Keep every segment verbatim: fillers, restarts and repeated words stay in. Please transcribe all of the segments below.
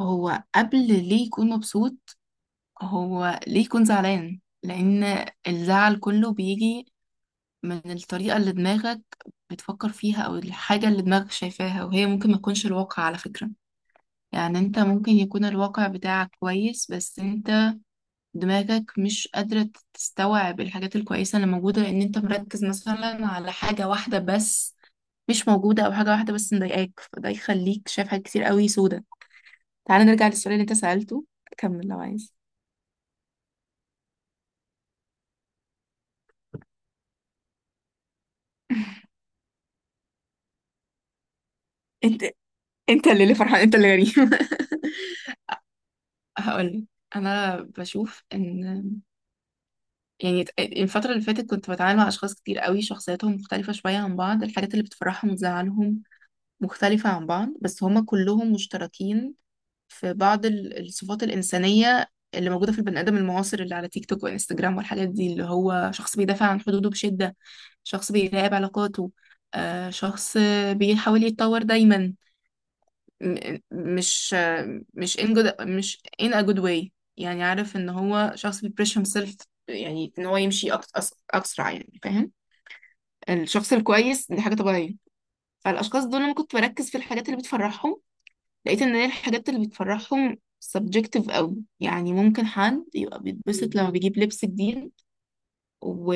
هو قبل ليه يكون مبسوط؟ هو ليه يكون زعلان؟ لأن الزعل كله بيجي من الطريقة اللي دماغك بتفكر فيها أو الحاجة اللي دماغك شايفاها، وهي ممكن ما تكونش الواقع على فكرة. يعني انت ممكن يكون الواقع بتاعك كويس، بس انت دماغك مش قادرة تستوعب الحاجات الكويسة اللي موجودة، لأن انت مركز مثلا على حاجة واحدة بس مش موجودة، أو حاجة واحدة بس مضايقاك، فده يخليك شايف حاجات كتير قوي سودة. تعال نرجع للسؤال اللي انت سألته، كمل لو عايز. انت انت اللي اللي فرحان، انت اللي غريب. هقولك، انا بشوف ان يعني الفتره اللي فاتت كنت بتعامل مع اشخاص كتير قوي، شخصياتهم مختلفه شويه عن بعض، الحاجات اللي بتفرحهم وتزعلهم مختلفه عن بعض، بس هما كلهم مشتركين في بعض ال- الصفات الانسانيه اللي موجوده في البني ادم المعاصر، اللي على تيك توك وانستجرام والحاجات دي. اللي هو شخص بيدافع عن حدوده بشده، شخص بيراقب علاقاته، آه، شخص بيحاول يتطور دايما، م- مش مش in good، مش in a good way. يعني عارف ان هو شخص بيبريش himself، يعني ان هو يمشي أك- أس- اسرع، يعني فاهم؟ الشخص الكويس، دي حاجة طبيعية. فالاشخاص دول لما كنت بركز في الحاجات اللي بتفرحهم، لقيت ان هي الحاجات اللي بتفرحهم subjective قوي. يعني ممكن حد يبقى بيتبسط لما بيجيب لبس جديد و...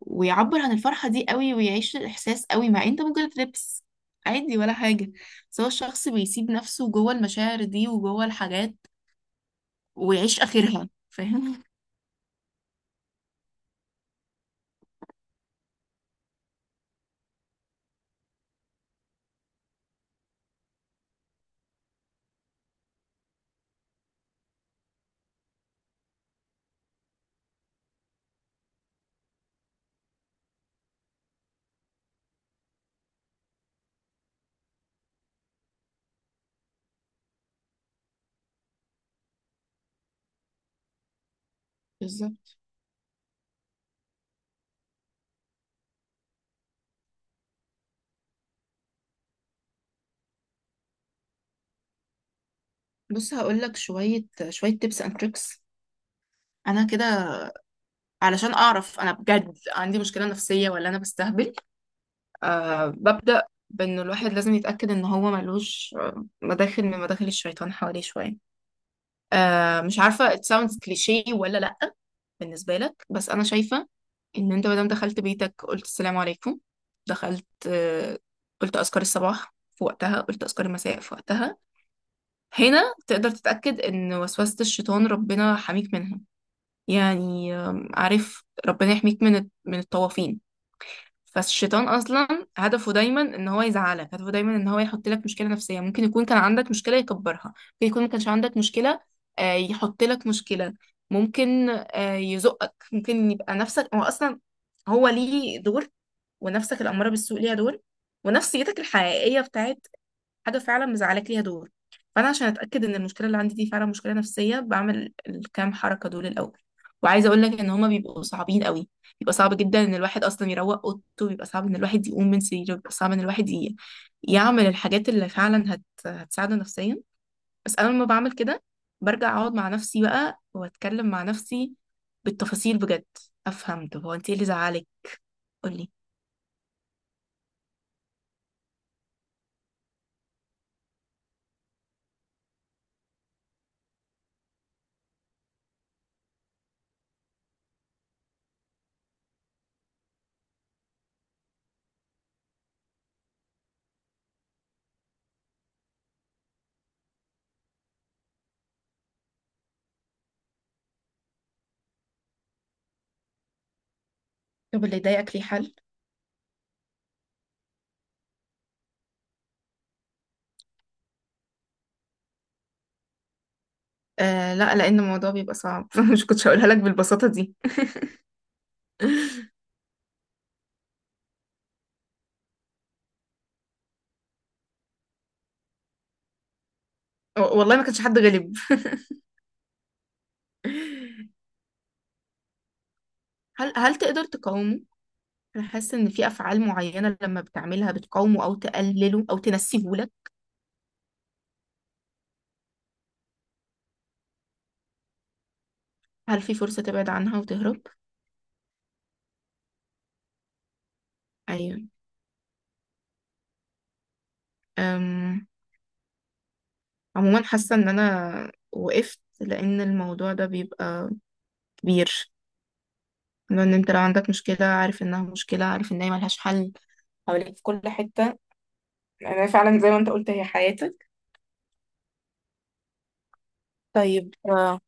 ويعبر عن الفرحة دي قوي، ويعيش الإحساس قوي، مع انت ممكن تلبس عادي ولا حاجة. بس هو الشخص بيسيب نفسه جوه المشاعر دي وجوه الحاجات ويعيش آخرها، فاهم؟ بالظبط. بص، هقولك شوية شوية tips and tricks. أنا كده علشان أعرف أنا بجد عندي مشكلة نفسية ولا أنا بستهبل، أه، ببدأ بأن الواحد لازم يتأكد إن هو ملوش آه، مداخل من مداخل الشيطان حواليه شوية. أه، مش عارفة it sounds cliché ولا لأ بالنسبة لك، بس أنا شايفة إن أنت مادام دخلت بيتك قلت السلام عليكم، دخلت آه، قلت أذكار الصباح في وقتها، قلت أذكار المساء في وقتها، هنا تقدر تتأكد إن وسوسة الشيطان ربنا حميك منها. يعني آم، عارف، ربنا يحميك من الت- من الطوافين. فالشيطان اصلا هدفه دايما ان هو يزعلك، هدفه دايما ان هو يحط لك مشكله نفسيه. ممكن يكون كان عندك مشكله يكبرها، ممكن يكون ما كانش عندك مشكله آه، يحط لك مشكله، ممكن آه، يزقك، ممكن يبقى نفسك. هو اصلا هو ليه دور، ونفسك الاماره بالسوء ليها دور، ونفسيتك الحقيقيه بتاعت حاجه فعلا مزعلاك ليها دور. فانا عشان اتاكد ان المشكله اللي عندي دي فعلا مشكله نفسيه، بعمل الكام حركه دول الاول. وعايزه اقول لك ان هما بيبقوا صعبين قوي. بيبقى صعب جدا ان الواحد اصلا يروق اوضته، بيبقى صعب ان الواحد يقوم من سريره، بيبقى صعب ان الواحد ي... يعمل الحاجات اللي فعلا هت... هتساعده نفسيا. بس انا لما بعمل كده برجع اقعد مع نفسي بقى واتكلم مع نفسي بالتفاصيل بجد، افهم طب هو انت ايه اللي زعلك. قولي. طب اللي ضايقك ليه حل؟ آه لا، لان الموضوع بيبقى صعب. مش كنتش هقولها لك بالبساطه دي. والله ما كانش حد غلب. هل هل تقدر تقاومه؟ أنا حاسة إن في أفعال معينة لما بتعملها بتقاومه أو تقلله أو تنسيه لك. هل في فرصة تبعد عنها وتهرب؟ أيوة. أم... عموما حاسة إن أنا وقفت، لأن الموضوع ده بيبقى كبير. لأن أنت لو عندك مشكلة عارف إنها مشكلة، عارف إن هي ملهاش حل، حواليك في كل حتة، أنا فعلا زي ما أنت قلت هي حياتك. طيب آه،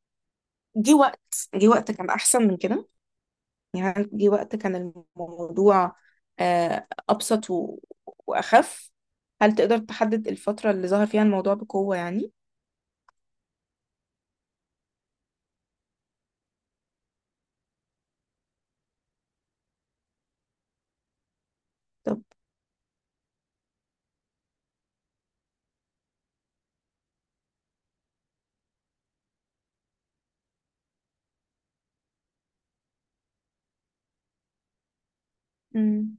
جه وقت، جه وقت كان أحسن من كده. يعني عندي وقت كان الموضوع آه، أبسط و- وأخف. هل تقدر تحدد الفترة اللي ظهر فيها الموضوع بقوة يعني؟ طب. امم،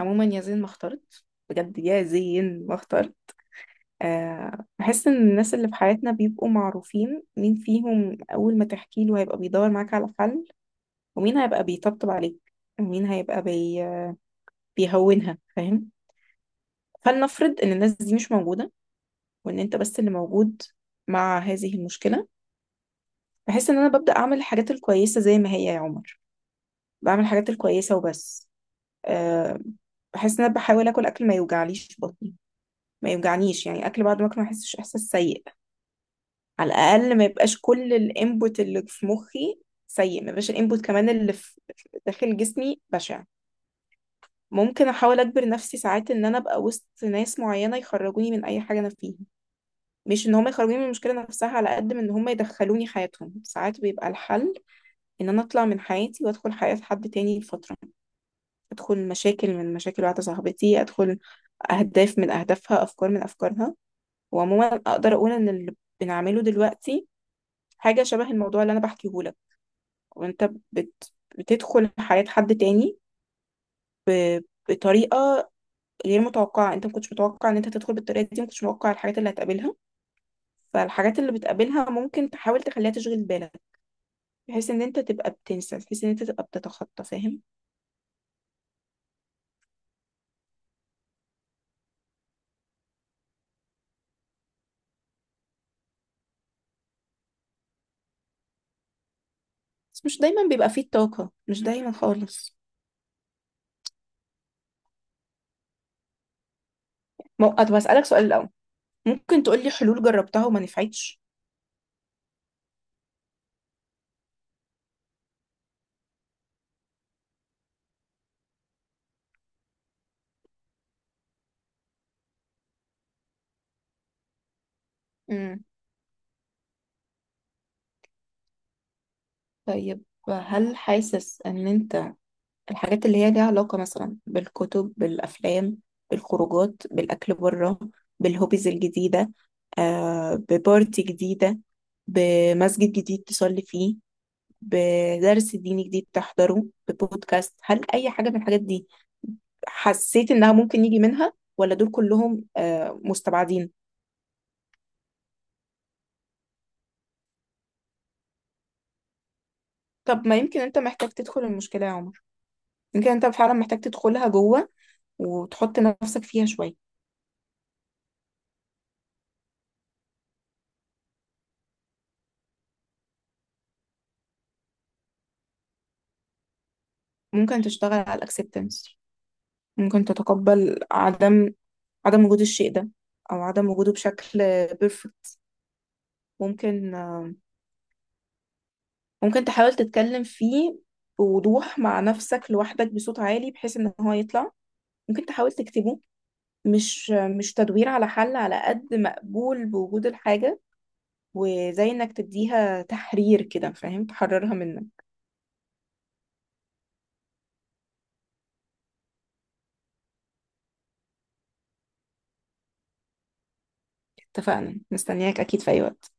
عموما يا زين ما اخترت، بجد يا زين ما اخترت. آه، بحس إن الناس اللي في حياتنا بيبقوا معروفين مين فيهم أول ما تحكي له هيبقى بيدور معاك على حل، ومين هيبقى بيطبطب عليك، ومين هيبقى بي... بيهونها، فاهم؟ فلنفرض إن الناس دي مش موجودة، وإن أنت بس اللي موجود مع هذه المشكلة. بحس ان انا ببدأ اعمل الحاجات الكويسة زي ما هي يا عمر. بعمل الحاجات الكويسة وبس. أه، بحس ان انا بحاول اكل اكل ما يوجعليش بطني، ما يوجعنيش، يعني اكل بعد ما اكل ما احسش احساس سيء. على الاقل ما يبقاش كل الانبوت اللي في مخي سيء، ما يبقاش الانبوت كمان اللي في في داخل جسمي بشع. ممكن احاول اجبر نفسي ساعات ان انا ابقى وسط ناس معينة يخرجوني من اي حاجة انا فيها. مش ان هم يخرجوني من المشكلة نفسها، على قد ما ان هم يدخلوني حياتهم. ساعات بيبقى الحل ان انا اطلع من حياتي وادخل حياة حد تاني لفترة. ادخل مشاكل من مشاكل واحدة صاحبتي، ادخل اهداف من اهدافها، افكار من افكارها. وعموما اقدر اقول ان اللي بنعمله دلوقتي حاجة شبه الموضوع اللي انا بحكيه لك، وانت بت... بتدخل حياة حد تاني بطريقة غير متوقعة. انت ما كنتش متوقع ان انت تدخل بالطريقة دي، ما كنتش متوقع الحاجات اللي هتقابلها، فالحاجات اللي بتقابلها ممكن تحاول تخليها تشغل بالك، بحيث ان انت تبقى بتنسى، بحيث ان انت تبقى بتتخطى، فاهم؟ بس مش دايما بيبقى فيه الطاقة، مش دايما خالص. مو... طب هسألك سؤال الأول. ممكن تقولي حلول جربتها وما نفعتش؟ امم، طيب. هل حاسس ان انت الحاجات اللي هي ليها علاقة مثلا بالكتب، بالافلام، بالخروجات، بالاكل بره، بالهوبيز الجديدة، آه ببارتي جديدة، بمسجد جديد تصلي فيه، بدرس ديني جديد تحضره، ببودكاست، هل اي حاجة من الحاجات دي حسيت انها ممكن يجي منها، ولا دول كلهم آه مستبعدين؟ طب ما يمكن انت محتاج تدخل المشكلة يا عمر. يمكن انت فعلا محتاج تدخلها جوه وتحط نفسك فيها شوية. ممكن تشتغل على الاكسبتنس، ممكن تتقبل عدم عدم وجود الشيء ده، او عدم وجوده بشكل بيرفكت. ممكن آه، ممكن تحاول تتكلم فيه بوضوح مع نفسك لوحدك بصوت عالي بحيث ان هو يطلع. ممكن تحاول تكتبه. مش مش تدوير على حل، على قد مقبول بوجود الحاجة، وزي انك تديها تحرير كده، فاهم؟ تحررها منك. اتفقنا، مستنياك اكيد في اي وقت.